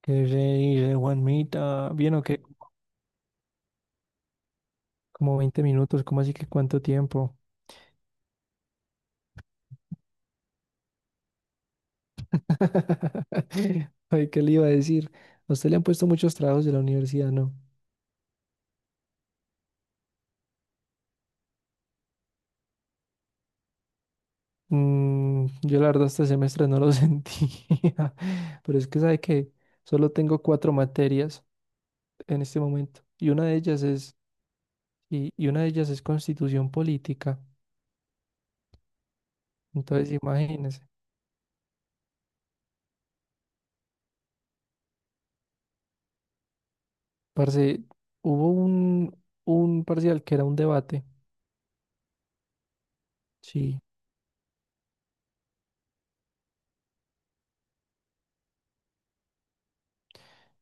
Que rey, re Juanmita, ¿bien o qué? Como 20 minutos, ¿cómo así que cuánto tiempo? Ay, ¿qué le iba a decir? A usted le han puesto muchos trabajos de la universidad, ¿no? Yo la verdad este semestre no lo sentía, pero es que sabe que solo tengo cuatro materias en este momento y una de ellas es, y una de ellas es constitución política. Entonces, imagínense, parce, hubo un parcial que era un debate, sí.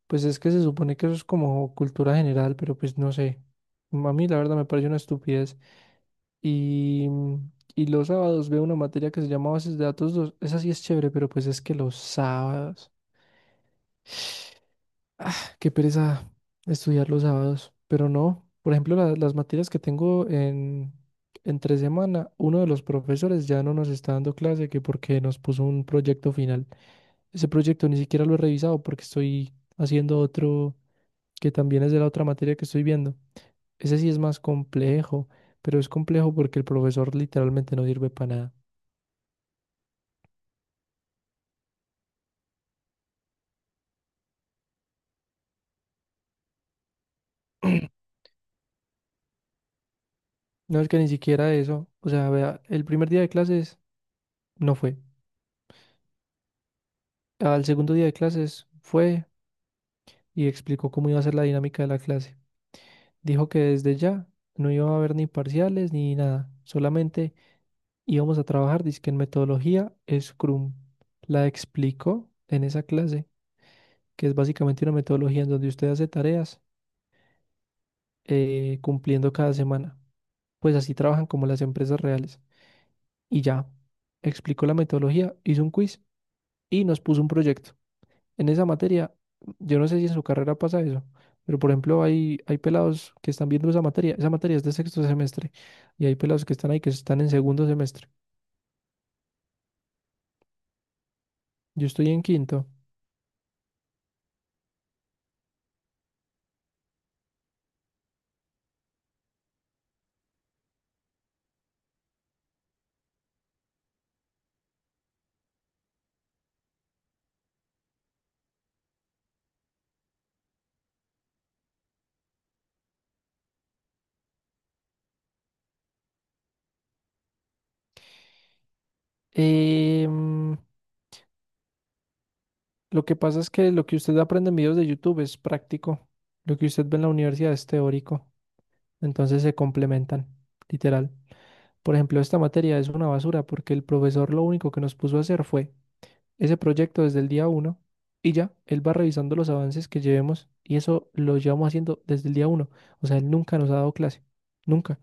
Pues es que se supone que eso es como cultura general, pero pues no sé. A mí la verdad me parece una estupidez. Y los sábados veo una materia que se llama Bases de Datos 2. Esa sí es chévere, pero pues es que los sábados. Ah, qué pereza estudiar los sábados. Pero no, por ejemplo, las materias que tengo en entre semana, uno de los profesores ya no nos está dando clase que porque nos puso un proyecto final. Ese proyecto ni siquiera lo he revisado porque estoy haciendo otro que también es de la otra materia que estoy viendo. Ese sí es más complejo, pero es complejo porque el profesor literalmente no sirve para nada. No es que ni siquiera eso, o sea, vea, el primer día de clases no fue. Al segundo día de clases fue y explicó cómo iba a ser la dinámica de la clase. Dijo que desde ya no iba a haber ni parciales ni nada, solamente íbamos a trabajar, dizque en metodología Scrum. La explicó en esa clase, que es básicamente una metodología en donde usted hace tareas cumpliendo cada semana. Pues así trabajan como las empresas reales. Y ya, explicó la metodología, hizo un quiz y nos puso un proyecto. En esa materia, yo no sé si en su carrera pasa eso, pero por ejemplo hay pelados que están viendo esa materia. Esa materia es de sexto semestre y hay pelados que están ahí que están en segundo semestre. Yo estoy en quinto. Em, lo que pasa es que lo que usted aprende en videos de YouTube es práctico. Lo que usted ve en la universidad es teórico. Entonces se complementan, literal. Por ejemplo, esta materia es una basura porque el profesor lo único que nos puso a hacer fue ese proyecto desde el día uno y ya, él va revisando los avances que llevemos y eso lo llevamos haciendo desde el día uno. O sea, él nunca nos ha dado clase. Nunca.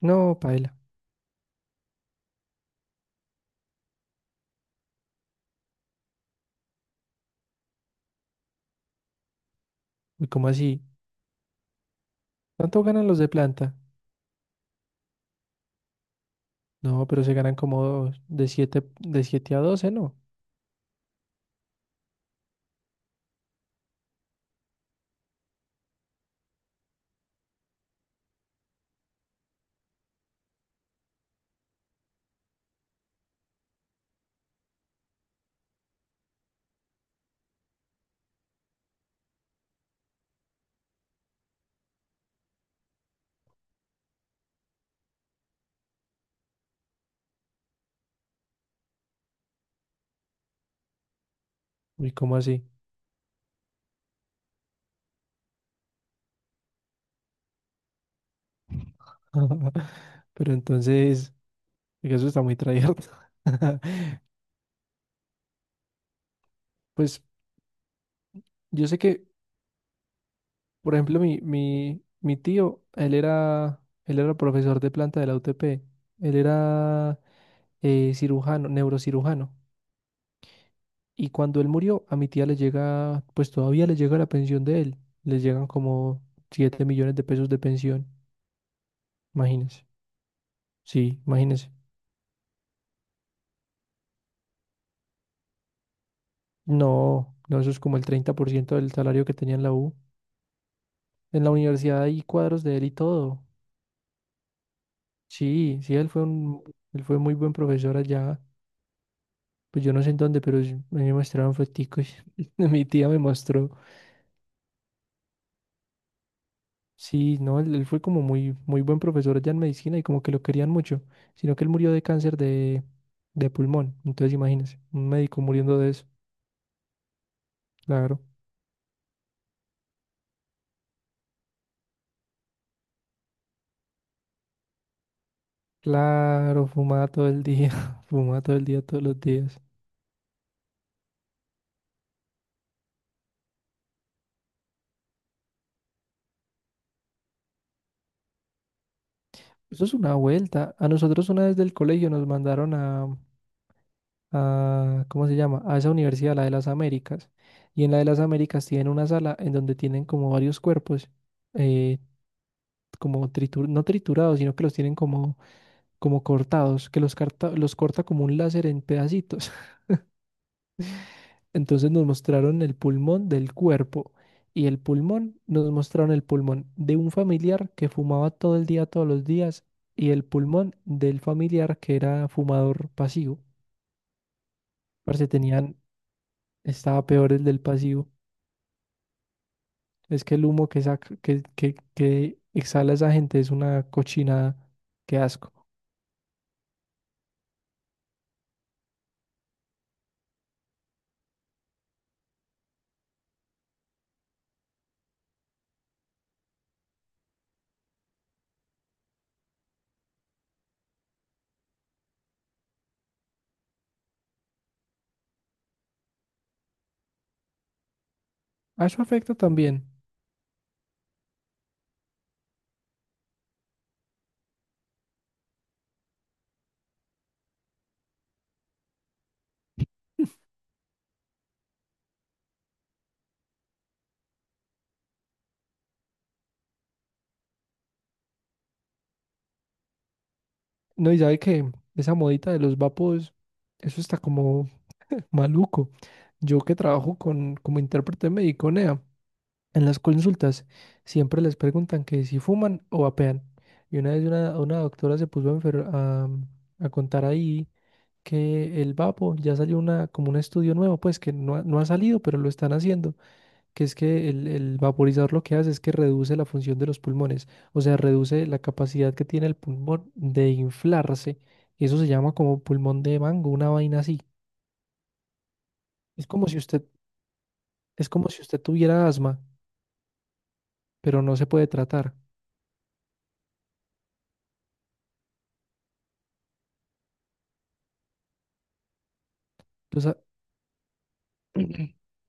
No, paila. Uy, ¿cómo así? ¿Cuánto ganan los de planta? No, pero se ganan como de siete a doce, ¿no? Uy, ¿cómo así? Pero entonces, oiga, eso está muy tryhard. Pues yo sé que, por ejemplo, mi tío, él era profesor de planta de la UTP. Él era cirujano, neurocirujano. Y cuando él murió, a mi tía le llega, pues todavía le llega la pensión de él. Le llegan como 7 millones de pesos de pensión. Imagínense. Sí, imagínense. No, no, eso es como el 30% del salario que tenía en la U. En la universidad hay cuadros de él y todo. Sí, sí, él fue muy buen profesor allá. Pues yo no sé en dónde, pero sí, a mí me mostraron foticos. Mi tía me mostró. Sí, no, él fue como muy, muy buen profesor allá en medicina y como que lo querían mucho, sino que él murió de cáncer de pulmón. Entonces imagínense, un médico muriendo de eso. Claro, claro, fumaba todo el día, fumaba todo el día, todos los días. Eso es una vuelta. A nosotros una vez del colegio nos mandaron a, ¿cómo se llama? A esa universidad, la de las Américas. Y en la de las Américas tienen una sala en donde tienen como varios cuerpos. eh, Como no triturados, sino que los tienen como, cortados, que los corta como un láser en pedacitos. Entonces nos mostraron el pulmón del cuerpo y el pulmón, nos mostraron el pulmón de un familiar que fumaba todo el día, todos los días, y el pulmón del familiar que era fumador pasivo. Parce, tenían, estaba peor el del pasivo. Es que el humo que saca, que exhala esa gente es una cochinada. Qué asco. A eso afecta también. No, y sabe que esa modita de los vapos, eso está como maluco. Yo que trabajo con, como intérprete médico NEA, en las consultas siempre les preguntan que si fuman o vapean. Y una vez una doctora se puso a, a contar ahí que el vapo ya salió una, como un estudio nuevo, pues que no, ha- no ha salido, pero lo están haciendo, que es que el vaporizador lo que hace es que reduce la función de los pulmones, o sea, reduce la capacidad que tiene el pulmón de inflarse. Y eso se llama como pulmón de mango, una vaina así. Es como si usted, es como si usted tuviera asma, pero no se puede tratar. Entonces,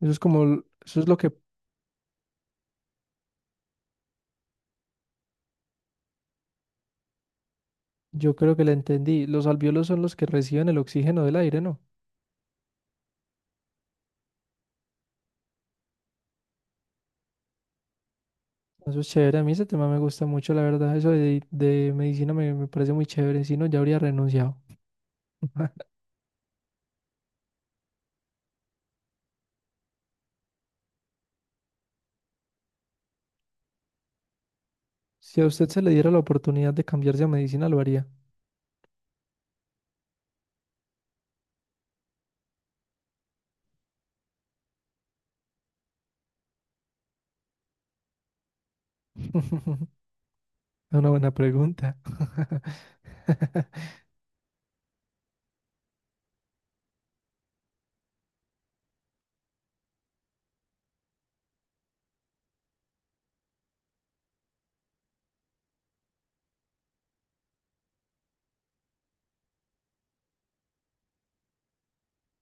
eso es como, eso es lo que yo creo que le entendí. Los alvéolos son los que reciben el oxígeno del aire, ¿no? Eso es chévere, a mí ese tema me gusta mucho, la verdad. Eso de medicina me parece muy chévere, si no, ya habría renunciado. Si a usted se le diera la oportunidad de cambiarse a medicina, ¿lo haría? Es una buena pregunta.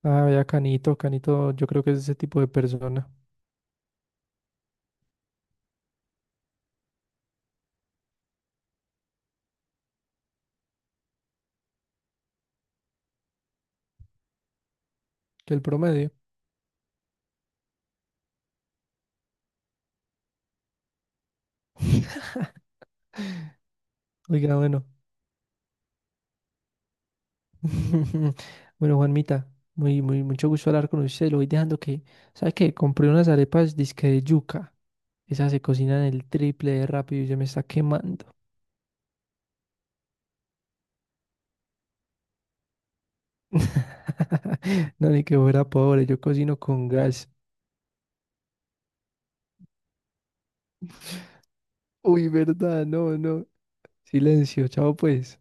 Ah, vea, Canito, Canito, yo creo que es ese tipo de persona, que el promedio. Oiga, bueno. Bueno, Juanmita, muy, muy, mucho gusto hablar con usted. Lo voy dejando que, ¿sabe qué? Compré unas arepas disque de yuca. Esas se cocinan el triple de rápido y ya me está quemando. No, ni que fuera pobre, yo cocino con gas. Uy, verdad, no, no. Silencio, chao pues.